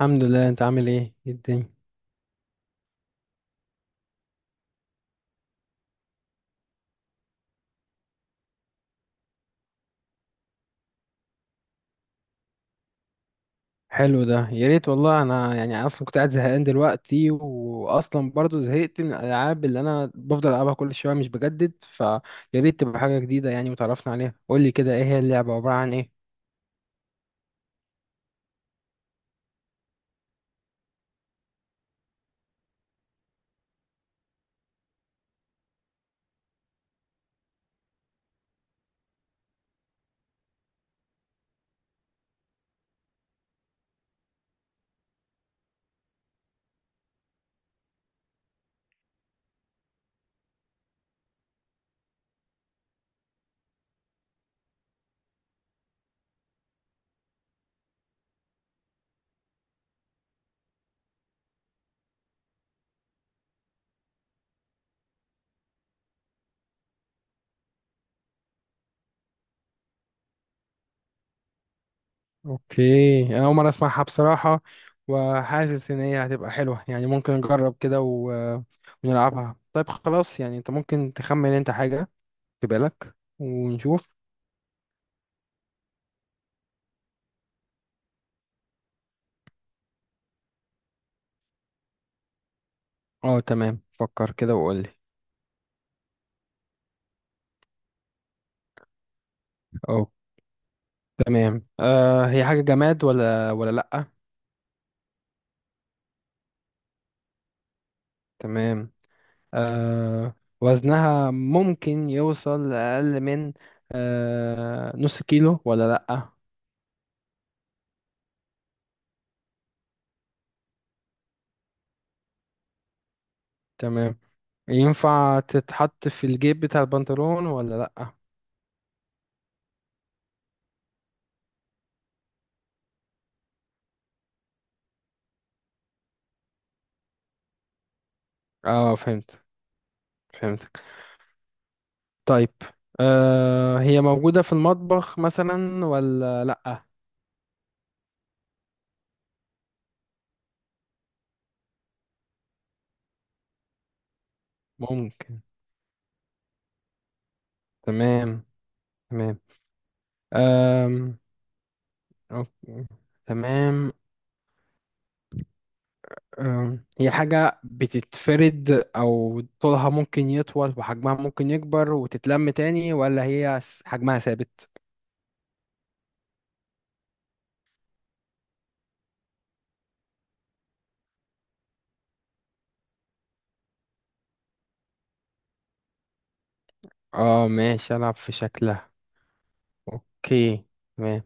الحمد لله. انت عامل ايه؟ ايه الدنيا؟ حلو ده، يا ريت والله. انا يعني اصلا كنت قاعد زهقان دلوقتي، واصلا برضو زهقت من الالعاب اللي انا بفضل العبها كل شويه، مش بجدد فيا. ريت تبقى حاجه جديده يعني وتعرفنا عليها. قول لي كده، ايه هي اللعبه؟ عباره عن ايه؟ اوكي، انا اول مره اسمعها بصراحه. وحاسس ان هي هتبقى حلوه، يعني ممكن نجرب كده ونلعبها. طيب خلاص، يعني انت ممكن تخمن انت حاجه في بالك ونشوف. اه تمام، فكر كده وقول لي. تمام. هي حاجة جماد ولا لأ؟ تمام. آه وزنها ممكن يوصل لأقل من نص كيلو ولا لأ؟ تمام. ينفع تتحط في الجيب بتاع البنطلون ولا لأ؟ اه فهمت، فهمتك. طيب، هي موجودة في المطبخ مثلا ولا لأ؟ ممكن. تمام، تمام. آم، أوكي. تمام. هي حاجة بتتفرد، أو طولها ممكن يطول وحجمها ممكن يكبر وتتلم تاني، ولا هي حجمها ثابت؟ اه ماشي، ألعب في شكلها. اوكي، تمام.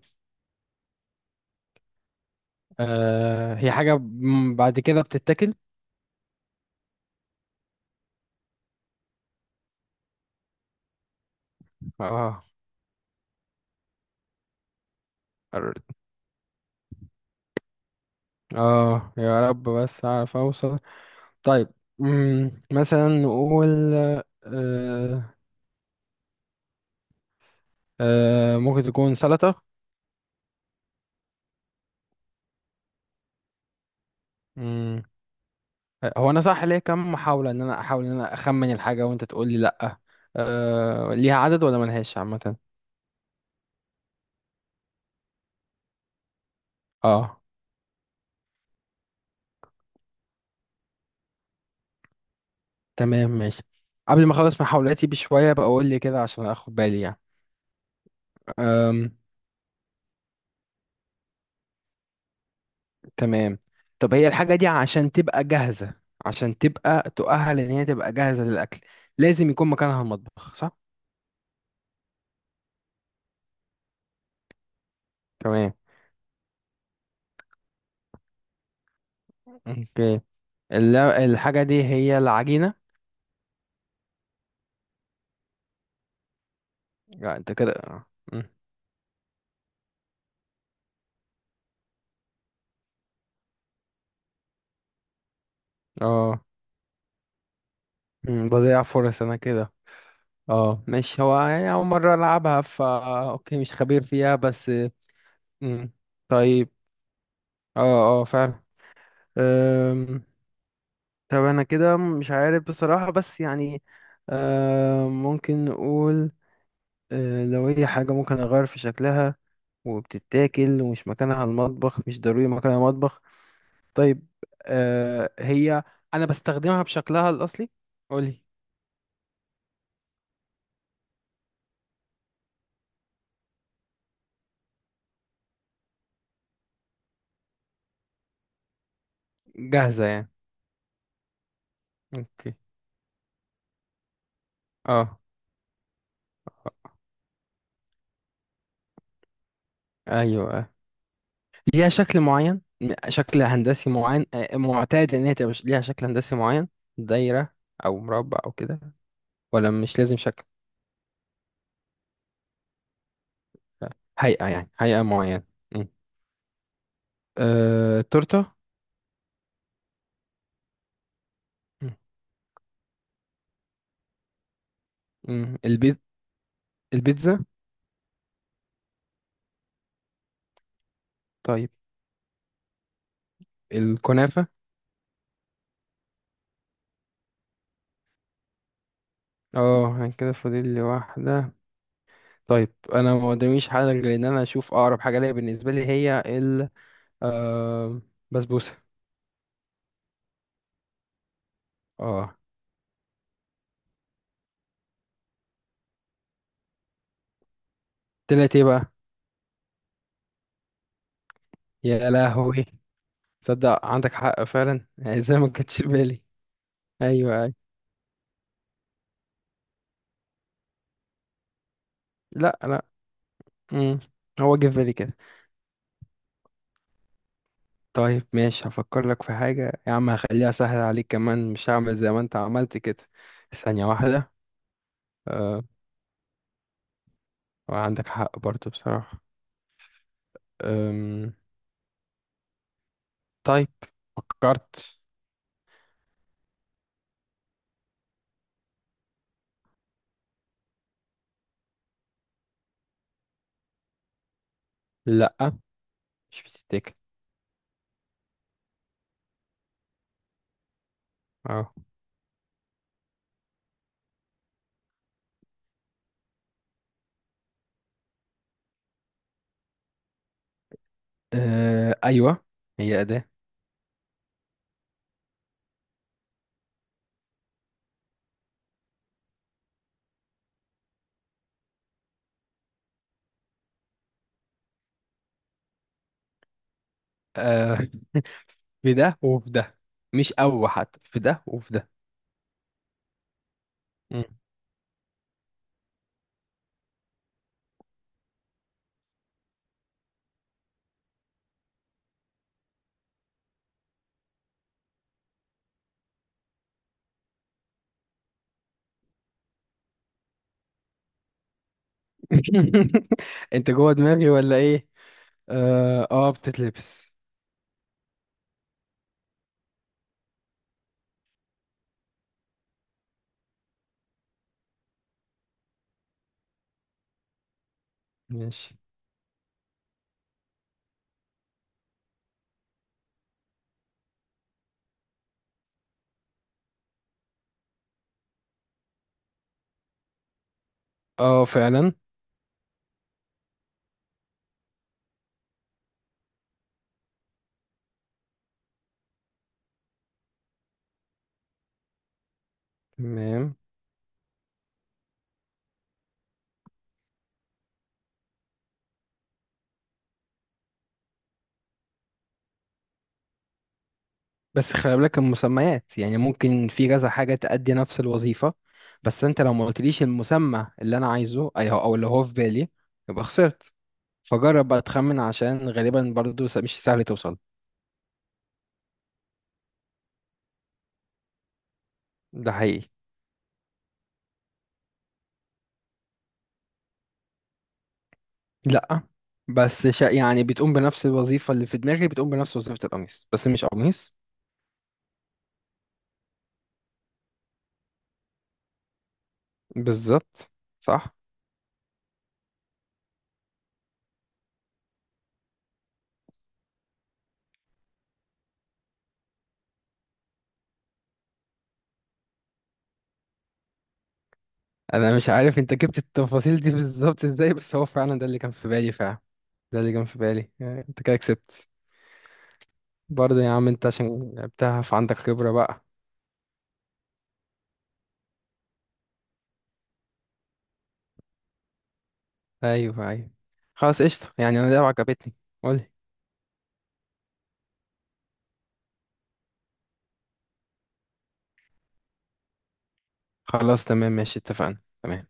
هي حاجة بعد كده بتتاكل؟ اه. قررت. اه يا رب بس أعرف أوصل. طيب، مثلا نقول آه ممكن تكون سلطة؟ هو انا صح ليا كام محاوله ان انا احاول ان انا اخمن الحاجه وانت تقول لي لا؟ ليها عدد ولا ملهاش عامه؟ اه تمام ماشي. قبل ما اخلص محاولاتي بشويه بقول لي كده عشان اخد بالي يعني. أم تمام. طب هي الحاجه دي عشان تبقى جاهزه، عشان تبقى تؤهل ان هي تبقى جاهزه للاكل، لازم يكون مكانها المطبخ، صح؟ تمام. اوكي. الحاجه دي هي العجينه؟ لا انت كده اه. أم. آه. بضيع فرص انا كده. اه ماشي، هو يعني أول مرة ألعبها أوكي، مش خبير فيها بس. مم. طيب. اه اه، فعلا. أم، طب أنا كده مش عارف بصراحة، بس يعني ممكن نقول لو هي حاجة ممكن أغير في شكلها، وبتتاكل، ومش مكانها المطبخ، مش ضروري مكانها مطبخ. طيب، هي أنا بستخدمها بشكلها الأصلي. قولي. جاهزة يعني؟ اوكي. اه، ايوه. ليها شكل معين، شكل هندسي معين، معتاد ان هي تبقى ليها شكل هندسي معين؟ دايرة او مربع او كده، ولا مش لازم شكل؟ آه، هيئة يعني، هيئة معينة. مم. تورتة؟ مم. مم. البيتزا؟ طيب، الكنافة. اه أنا كده فاضل لي واحدة. طيب، انا ما قداميش حاجة غير ان انا اشوف اقرب حاجة ليا، بالنسبة لي هي آه، بسبوسة. اه طلعت ايه بقى؟ يا لهوي، تصدق عندك حق فعلا زي ما كنتش بالي. ايوه، ايوه. لا، لا. مم. هو جه في بالي كده. طيب ماشي، هفكر لك في حاجة يا عم، هخليها سهلة عليك كمان، مش هعمل زي ما انت عملت كده. ثانية واحدة. أه. وعندك حق برضو بصراحة. أم. طيب. فكرت. لا، مش بتتاكل. اه، ايوه هي أداة. أه في ده وفي ده، مش او حتى في ده وفي ده. مم. انت جوه دماغي ولا ايه؟ اه بتتلبس. ماشي. اه فعلا. تمام. بس خلي بالك المسميات، يعني ممكن في كذا حاجة تأدي نفس الوظيفة. بس انت لو ما قلتليش المسمى اللي انا عايزه او اللي هو في بالي، يبقى خسرت. فجرب بقى تخمن، عشان غالبا برضو مش سهل توصل. ده حقيقي. لا، بس يعني بتقوم بنفس الوظيفة اللي في دماغي، بتقوم بنفس وظيفة القميص بس مش قميص. بالظبط. صح. انا مش عارف انت جبت التفاصيل دي بالظبط ازاي، بس هو فعلا ده اللي كان في بالي فعلا، ده اللي كان في بالي، يعني انت كده كسبت. برضه يا عم، انت عشان لعبتها فعندك خبرة بقى. ايوه، ايوه. خلاص قشطة، يعني انا اللعبة عجبتني. قولي. خلاص تمام ماشي، اتفقنا، تمام.